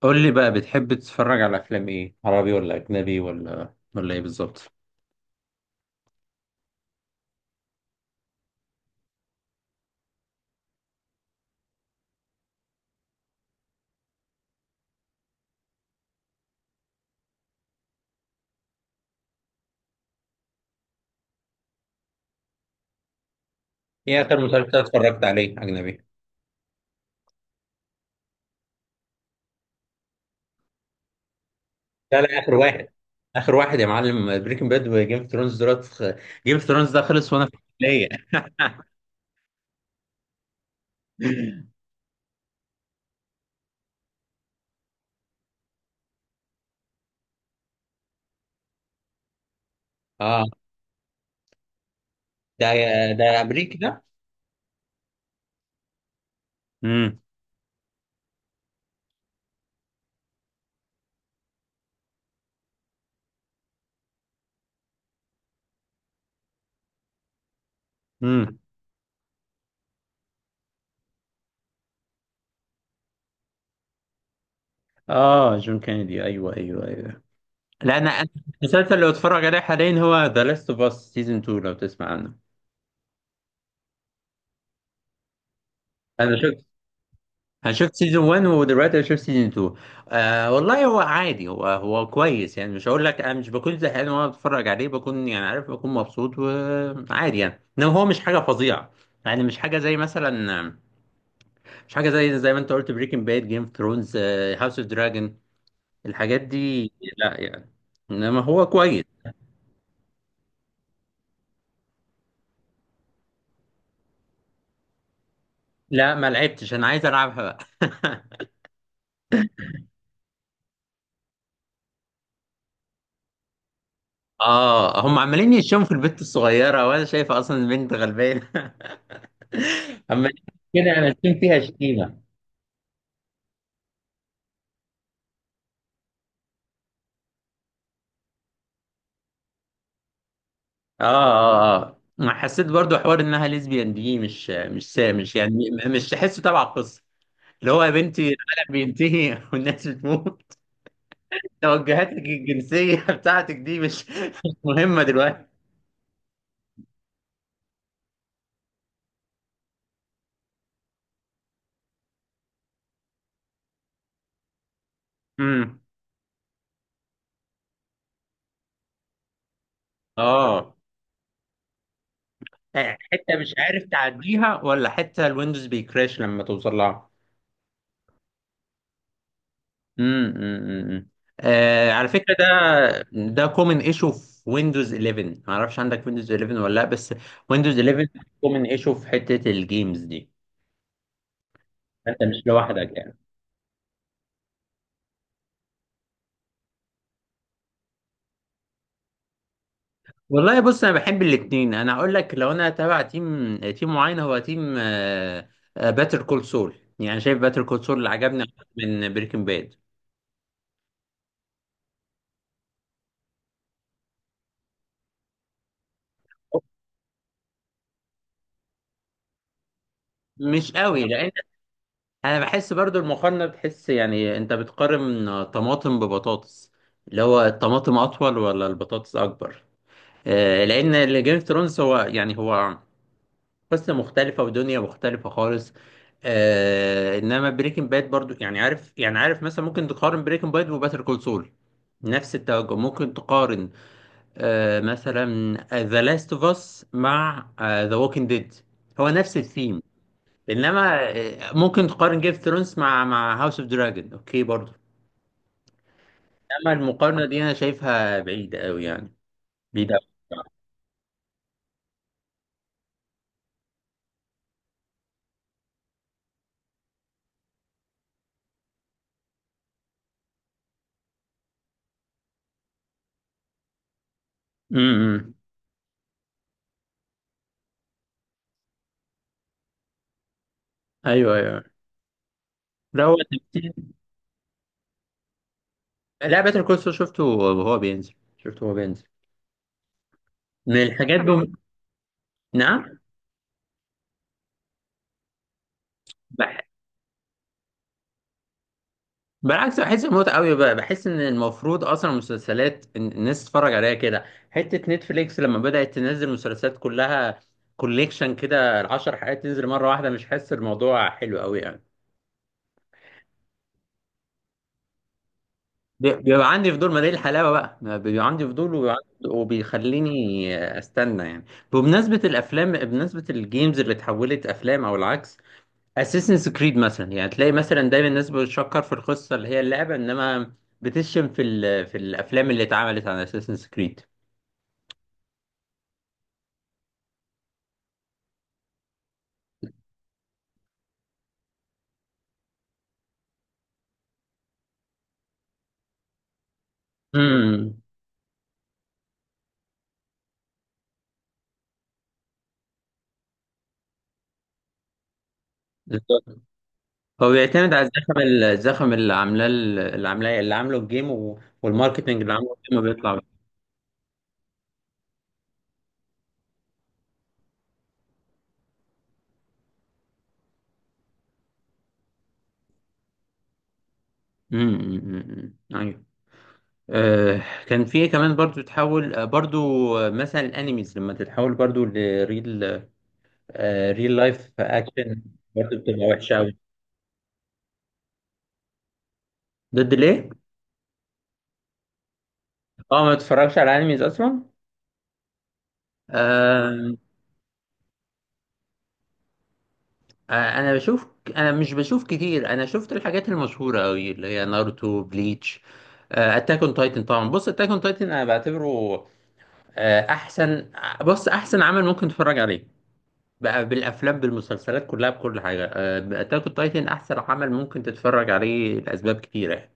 قول لي بقى بتحب تتفرج على افلام ايه، عربي ولا اجنبي ولا ايه بالظبط؟ ايه اخر مسلسل اتفرجت عليه اجنبي؟ لا، لا، اخر واحد، اخر واحد يا معلم، بريكنج باد وجيم اوف ثرونز؟ دلوقتي جيم اوف ثرونز ده خلص وانا في الكليه. اه، ده ده امريكي ده؟ امم. امم. اه، جون كينيدي، ايوه، ايوه، ايوه. لا، أنا المسلسل اللي بتفرج عليه حاليا هو ذا لاست اوف اس سيزون 2 لو تسمع عنه. انا شفت انا شفت سيزون 1 ودلوقتي انا شفت سيزون 2. آه، والله هو عادي، هو كويس يعني، مش هقول لك انا مش بكون زهقان وانا بتفرج عليه، بكون يعني عارف، بكون مبسوط وعادي يعني، انما هو مش حاجه فظيعه. يعني مش حاجه زي مثلا، مش حاجه زي ما انت قلت، بريكنج باد، جيم اوف ثرونز، هاوس اوف دراجون، الحاجات دي، لا يعني، انما هو كويس. لا ما لعبتش، انا عايز العبها بقى. اه، هم عمالين يشموا في البنت الصغيرة وانا شايفة اصلا البنت غلبانة. عمالين كده، انا اشم فيها شتيمة. اه، اه، اه، ما حسيت برضو حوار انها ليزبيان دي، مش مش سا- مش يعني مش تحسه تبع القصة، اللي هو يا بنتي العالم بينتهي والناس بتموت، توجهاتك الجنسية بتاعتك دي مش مهمة دلوقتي. امم. اه، حتة مش عارف تعديها ولا حتة الويندوز بيكراش لما توصل لها؟ امم. امم. آه، على فكرة ده، ده كومن ايشو في ويندوز 11، ما اعرفش عندك ويندوز 11 ولا لا. بس ويندوز 11 كومن ايشو في حتة الجيمز دي. انت مش لوحدك يعني. والله بص، انا بحب الاتنين، انا اقول لك، لو انا تابع تيم معين هو تيم باتر كول سول، يعني شايف باتر كول سول اللي عجبني أكتر من بريكنج باد. مش قوي، لان انا بحس برضو المقارنه، بتحس يعني انت بتقارن طماطم ببطاطس، اللي هو الطماطم اطول ولا البطاطس اكبر؟ آه، لان اللي جيم اوف ثرونز هو يعني قصه مختلفه ودنيا مختلفه خالص. آه، انما بريكنج باد برضو، يعني عارف، يعني مثلا ممكن تقارن بريكنج باد وباتر كول سول نفس التوجه، ممكن تقارن، آه، مثلا ذا لاست اوف اس مع ذا ووكينج ديد، هو نفس الثيم. انما ممكن تقارن جيم اوف ثرونز مع هاوس اوف دراجون، اوكي برضو. انما المقارنه دي انا شايفها بعيده قوي يعني، بعيده قوي. امم. ايوه، ايوه. لا هو تمثيل، لا باتر كول سول شفته وهو بينزل، شفته وهو بينزل. من الحاجات نعم. بح... بالعكس، بحس بموت قوي بقى، بحس ان المفروض اصلا المسلسلات، الناس تتفرج عليها كده. حته نتفليكس لما بدات تنزل مسلسلات كلها كوليكشن كده، 10 حلقات تنزل مره واحده، مش حاسس الموضوع حلو قوي يعني. بيبقى عندي فضول، ما دي الحلاوه بقى، ما بيبقى عندي فضول وبيبقى وبيخليني استنى يعني. بمناسبه الافلام، بمناسبه الجيمز اللي اتحولت افلام او العكس، اساسنز كريد مثلا، يعني تلاقي مثلا دايما الناس بتشكر في القصه اللي هي اللعبه، انما بتشتم في في الافلام اللي اتعملت عن اساسنز كريد. امم. بالظبط، هو بيعتمد على الزخم اللي عاملاه ال- اللي عاملاه اللي عامله الجيم، والماركتنج اللي عامله الجيم بيطلع. امم، أمم، أمم. أيوة. آه، كان في كمان برضو تتحول، برضو مثلا الانيميز لما تتحول برضو لريل، ريل لايف اكشن، برضو بتبقى وحشه قوي. ضد ليه؟ اه، ما تتفرجش على انيميز اصلا؟ آه، انا بشوف، انا مش بشوف كتير، انا شفت الحاجات المشهوره قوي اللي هي ناruto، بليتش، اتاك اون تايتن. طبعا بص، اتاك اون تايتن انا بعتبره، احسن، بص احسن عمل ممكن تتفرج عليه، بقى بالافلام بالمسلسلات كلها، بكل حاجه، اتاك اون تايتن احسن عمل ممكن تتفرج عليه لاسباب كتيره يعني.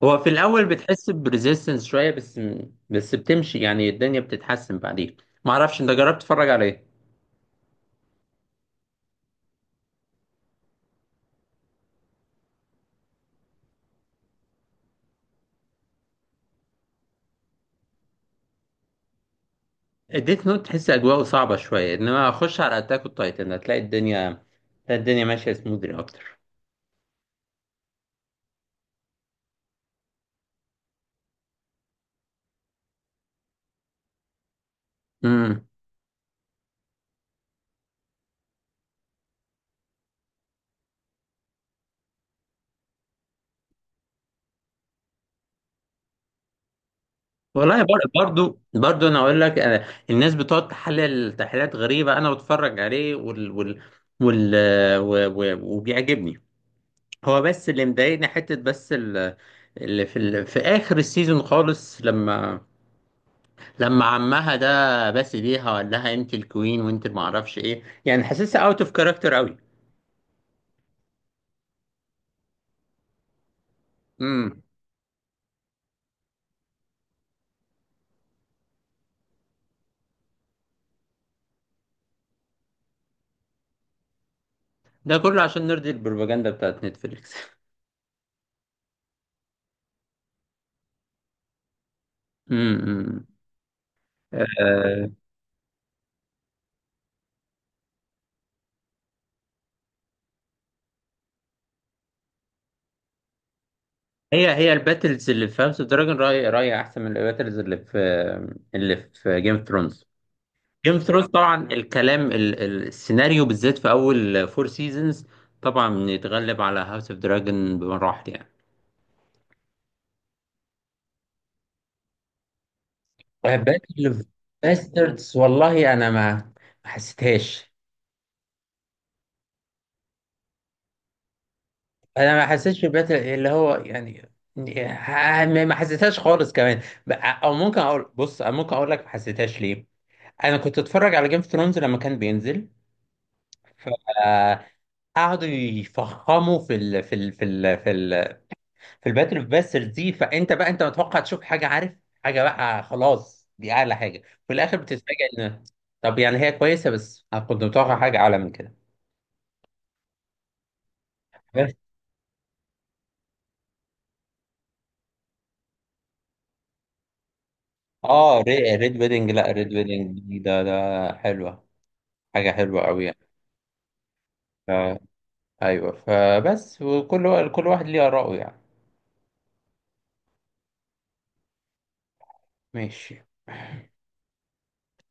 فهو في الاول بتحس بريزيستنس شويه، بس بتمشي يعني، الدنيا بتتحسن بعدين. ما اعرفش انت جربت تتفرج على ايه؟ اديت نوت تحس اجواءه صعبه شويه، انما اخش على اتاك اون تايتن هتلاقي الدنيا، هتلاقي الدنيا ماشيه سموذلي اكتر. امم. والله برضو انا اقول لك، أنا الناس بتقعد تحلل تحليلات غريبه، انا بتفرج عليه وال وبيعجبني. هو بس اللي مضايقني، حته بس اللي في في اخر السيزون خالص، لما عمها ده بس بيها وقال لها انت الكوين وانت ما اعرفش ايه، يعني حاسسها اوت اوف كاركتر قوي. امم. ده كله عشان نرضي البروباجندا بتاعت نتفليكس. امم. هي الباتلز اللي في هاوس اوف دراجون رأيي، احسن من الباتلز اللي في، اللي في جيم اوف ثرونز. جيم اوف ثرونز طبعا الكلام، السيناريو بالذات في اول فور سيزونز طبعا بنتغلب على هاوس اوف دراجون بمراحل يعني. باتل اوف باستردز، والله انا ما حسيتهاش. انا ما حسيتش باتل اللي هو يعني، ما حسيتهاش خالص كمان. او ممكن اقول بص، أنا ممكن اقول لك ما حسيتهاش ليه، انا كنت اتفرج على جيم اوف ثرونز لما كان بينزل. قعدوا يفخموا في الباتل اوف باسترز دي، فانت بقى انت متوقع تشوف حاجه، عارف، حاجه بقى خلاص، دي اعلى حاجه. في الاخر بتتفاجئ ان، طب يعني هي كويسه، بس انا كنت متوقع حاجه اعلى من كده. بس اه، ريد ويدنج، لا ريد ويدنج دي، ده حلوه، حاجه حلوه قوي يعني. ف- ايوه فبس، وكل كل واحد ليه اراءه يعني. ماشي.